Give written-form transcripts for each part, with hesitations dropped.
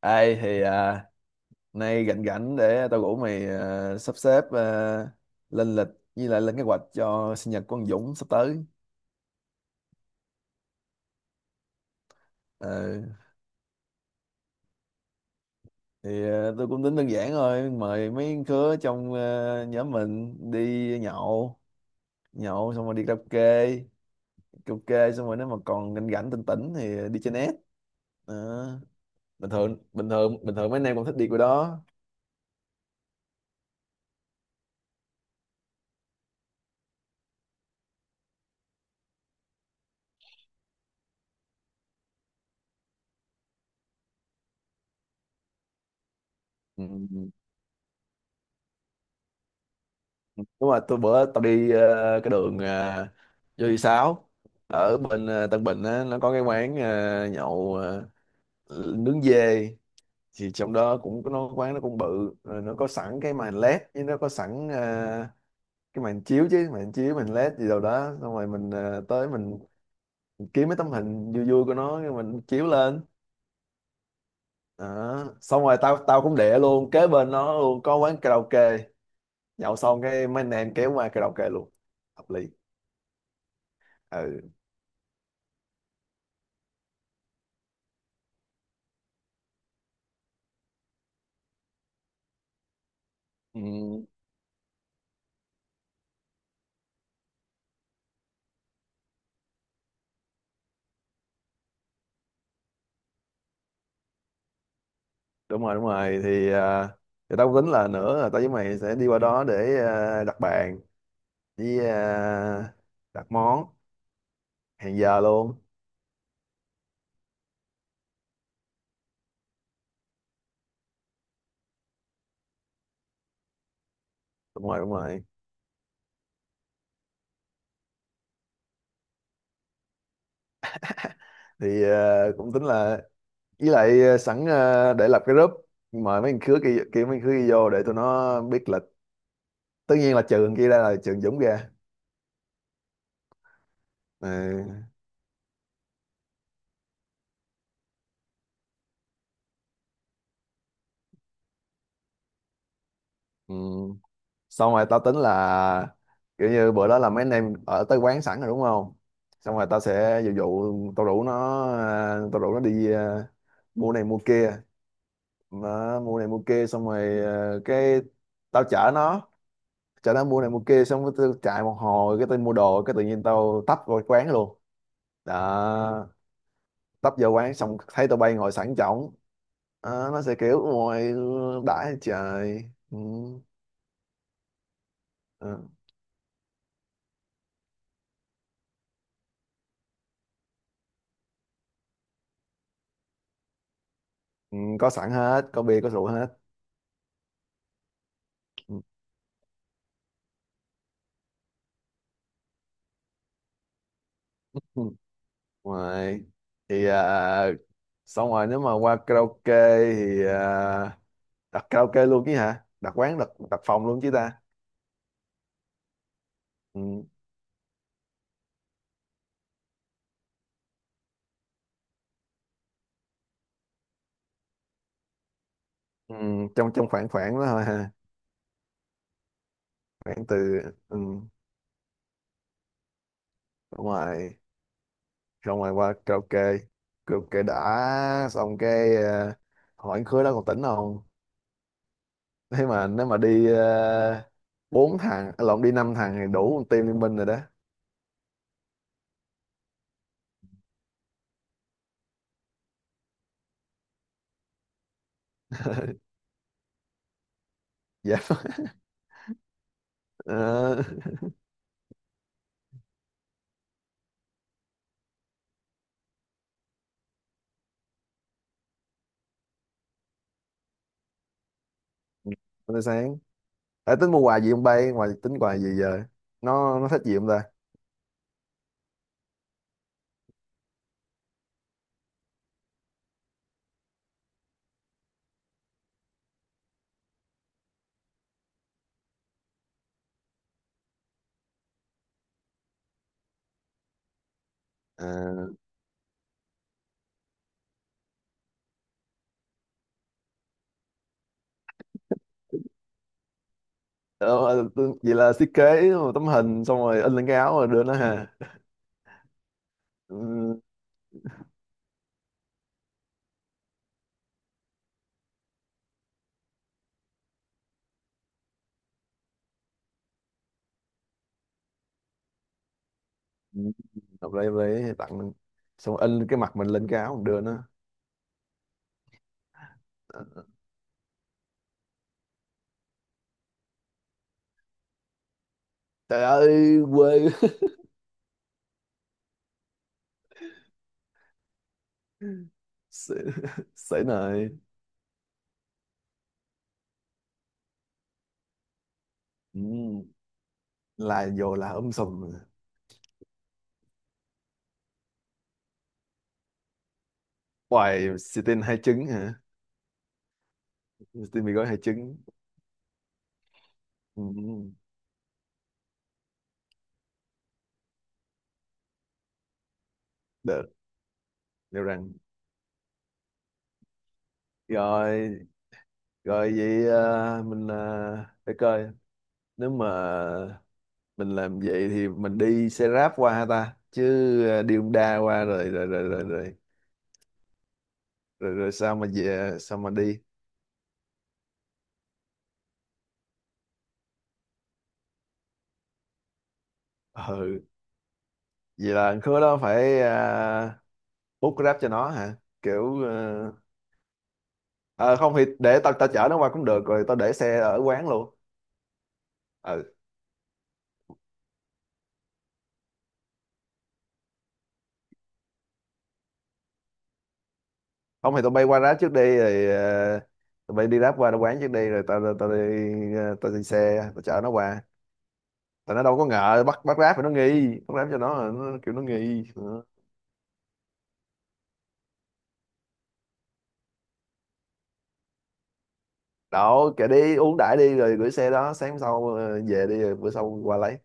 Ai thì à, nay rảnh rảnh để tao rủ mày à, sắp xếp à, lên lịch với lại lên kế hoạch cho sinh nhật của anh Dũng sắp tới. Ờ, thì à, tôi cũng tính đơn giản thôi, mời mấy đứa trong à, nhóm mình đi nhậu, nhậu xong rồi đi karaoke, karaoke xong rồi nếu mà còn rảnh rảnh tỉnh tỉnh thì đi chơi net. Ờ, Bình thường bình thường bình thường mấy anh em cũng thích đi cái đó. Ừ. Đúng rồi, tôi bữa tao đi cái đường vô thị sáu ở bên Tân Bình á, nó có cái quán nhậu nướng dê thì trong đó cũng có nó quán, nó cũng bự rồi, nó có sẵn cái màn led với nó có sẵn cái màn chiếu chứ màn chiếu màn led gì đâu đó, xong rồi mình tới mình kiếm mấy tấm hình vui vui của nó cái mình chiếu lên đó. Xong rồi tao tao cũng để luôn kế bên nó luôn có quán karaoke, nhậu xong cái mấy anh em kéo qua karaoke luôn. Hợp lý. Ừ. Ừ. Đúng rồi, đúng rồi, thì à, thì tao tính là nữa là tao với mày sẽ đi qua đó để à, đặt bàn với à, đặt món, hẹn giờ luôn. Đúng rồi, đúng rồi, thì à, cũng tính là với lại à, sẵn à, để lập cái group mời mấy thằng khứa kia kia mấy thằng khứa kia vô để tụi nó biết lịch, tất nhiên là trừ thằng kia ra là trừ Dũng ra. Ừ. Ừ. Xong rồi tao tính là kiểu như bữa đó là mấy anh em ở tới quán sẵn rồi đúng không, xong rồi tao sẽ dụ dụ tao rủ nó à, tao rủ nó đi à, mua này mua kia, nó mua này mua kia xong rồi à, cái tao chở nó mua này mua kia xong rồi tao chạy một hồi cái tao mua đồ cái tự nhiên tao tấp vào quán luôn, đó, tấp vô quán xong thấy tụi bay ngồi sẵn chổng. Đó, nó sẽ kiểu ngồi đãi trời. Ừ. Ừ. Ừ, có sẵn hết, có bia có rượu hết. Ừ. Ừ. Ngoài thì à, xong rồi nếu mà qua karaoke thì à, đặt karaoke luôn chứ hả? Đặt quán đặt đặt phòng luôn chứ ta? Ừ, ừ, trong trong khoảng khoảng đó thôi ha, khoảng từ ừ, đúng rồi, xong rồi qua karaoke, karaoke đã xong cái à, hỏi anh khứa đó còn tỉnh không? Thế mà nếu mà đi à, bốn thằng, à, lộn, đi năm thằng thì đủ một team liên minh rồi đó. Dạ. Ờ, Hôm nay sáng. Ê, tính mua quà gì không bay, ngoài tính quà gì giờ, nó thích gì không ta? À, vậy là thiết kế một tấm hình xong rồi in lên cái áo rồi đưa nó ha. Ừ, ừ, hợp lý tặng mình. Xong rồi in cái mặt mình lên cái áo mình đưa nó. Ờ, trời ơi quê. Sể này. Ừ, là vô là ấm sùm. Hoài Sitin hai trứng hả? Sitin mì gói hai trứng. Ừ, được. Leo răng. Rồi rồi vậy à, mình à, để coi nếu mà mình làm vậy thì mình đi xe ráp qua ha ta chứ? À, đi Honda qua rồi, rồi sao mà về, sao mà đi? Ừ, vậy là khứa đó phải à, bút grab cho nó hả, kiểu à, à, không thì để tao tao chở nó qua cũng được rồi tao để xe ở quán luôn. Ừ, không thì tao bay qua grab trước đi rồi à, tụi bay đi ráp qua nó quán trước đi rồi tao tao đi tao đi xe tao chở nó qua. Tại nó đâu có ngờ bắt bắt ráp thì nó nghi bắt ráp cho nó kiểu nó nghi. Đó. Kệ đi uống đãi đi rồi gửi xe đó sáng sau về đi rồi bữa sau qua lấy.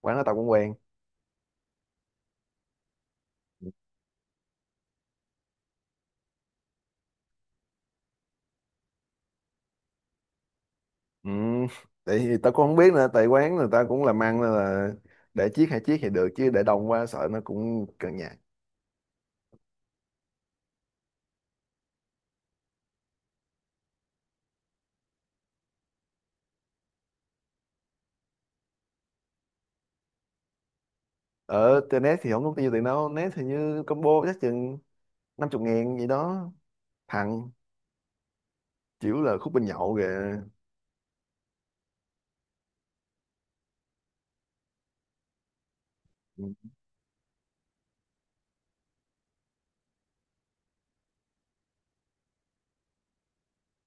Quán đó tao cũng quen. Ừ. Tại vì tao cũng không biết nữa, tại quán người ta cũng làm ăn nên là để chiếc, hai chiếc thì được chứ để đông quá sợ nó cũng cận nhạt. Ở trên net thì không có nhiêu tiền đâu, net thì như combo chắc chừng năm chục ngàn gì đó, thằng chịu là khúc bên nhậu kìa. Ừ.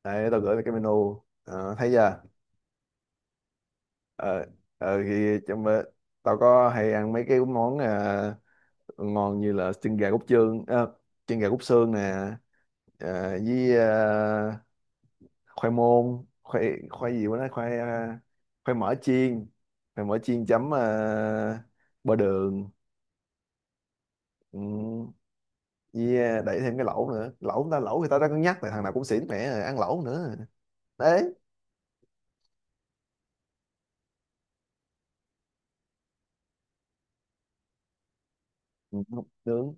Đây tao gửi mày cái menu. Ờ, thấy chưa? ờ thì trong tao có hay ăn mấy cái món ngon như là chân gà cốt xương, chân gà cốt xương nè, với khoai môn khoai khoai gì quá đó, khoai khoai mỡ chiên khoai mỡ chiên chấm bơ đường. Ừ, với đẩy thêm cái lẩu nữa, lẩu ta, lẩu thì tao đã cân nhắc tại thằng nào cũng xỉn mẹ rồi, ăn lẩu nữa đấy. Ừ, không nướng.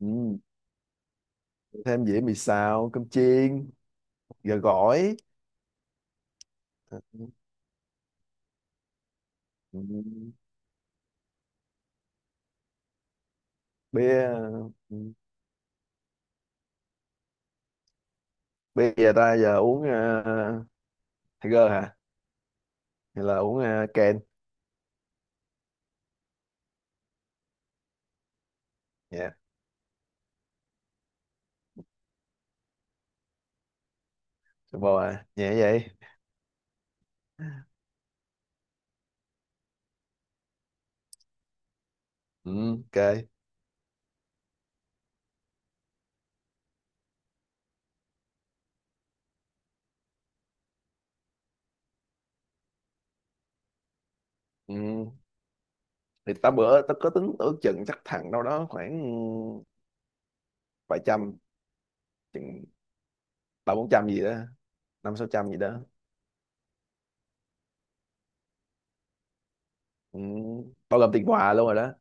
Ừ. Thêm dĩa mì xào, cơm chiên, gà gỏi. Ờ. Ừ. Ừ. bia bia giờ ta, giờ uống Tiger hả? Hay là uống Ken? Dạ. Super à nhẹ vậy? Ừ, ok. Ừ. Thì ta bữa ta có tính ước chừng chắc thằng đâu đó khoảng vài trăm, chừng ba bốn trăm gì đó, năm sáu trăm gì đó. Ừ. Bao gồm tiền quà luôn rồi đó.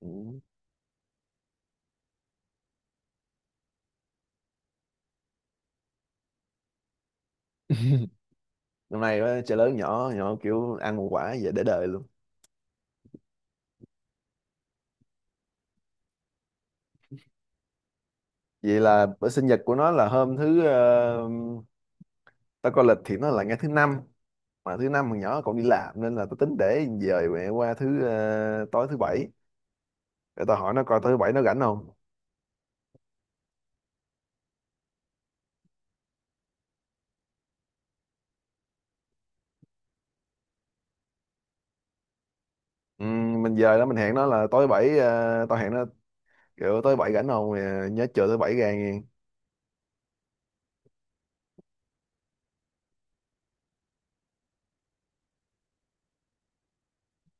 Ừ. Năm nay đó, chơi lớn nhỏ nhỏ kiểu ăn một quả vậy để đời luôn. Vậy là bữa sinh nhật của nó là hôm thứ ta coi lịch thì nó là ngày thứ năm, mà thứ năm thằng nhỏ còn đi làm nên là tao tính để dời mẹ qua thứ tối thứ bảy, để tao hỏi nó coi tối thứ bảy nó rảnh không. Ừ, mình dời đó mình hẹn nó là tối thứ bảy, tao hẹn nó kiểu tối thứ bảy rảnh không. Ờ, nhớ chờ thứ bảy ra nghe.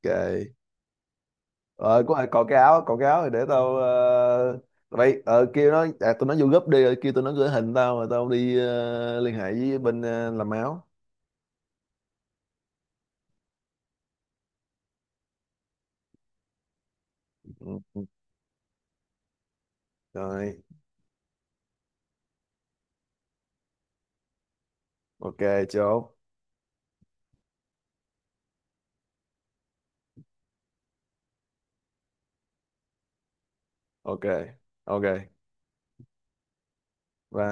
Ok. Ờ có còn cái áo, thì để tao tụi bay kêu nó à, tụi nó vô group đi rồi kêu tụi nó gửi hình tao rồi tao đi liên hệ với bên làm áo. Ừ, ừ, rồi. Ok, chốt. Ok. Ok, bye.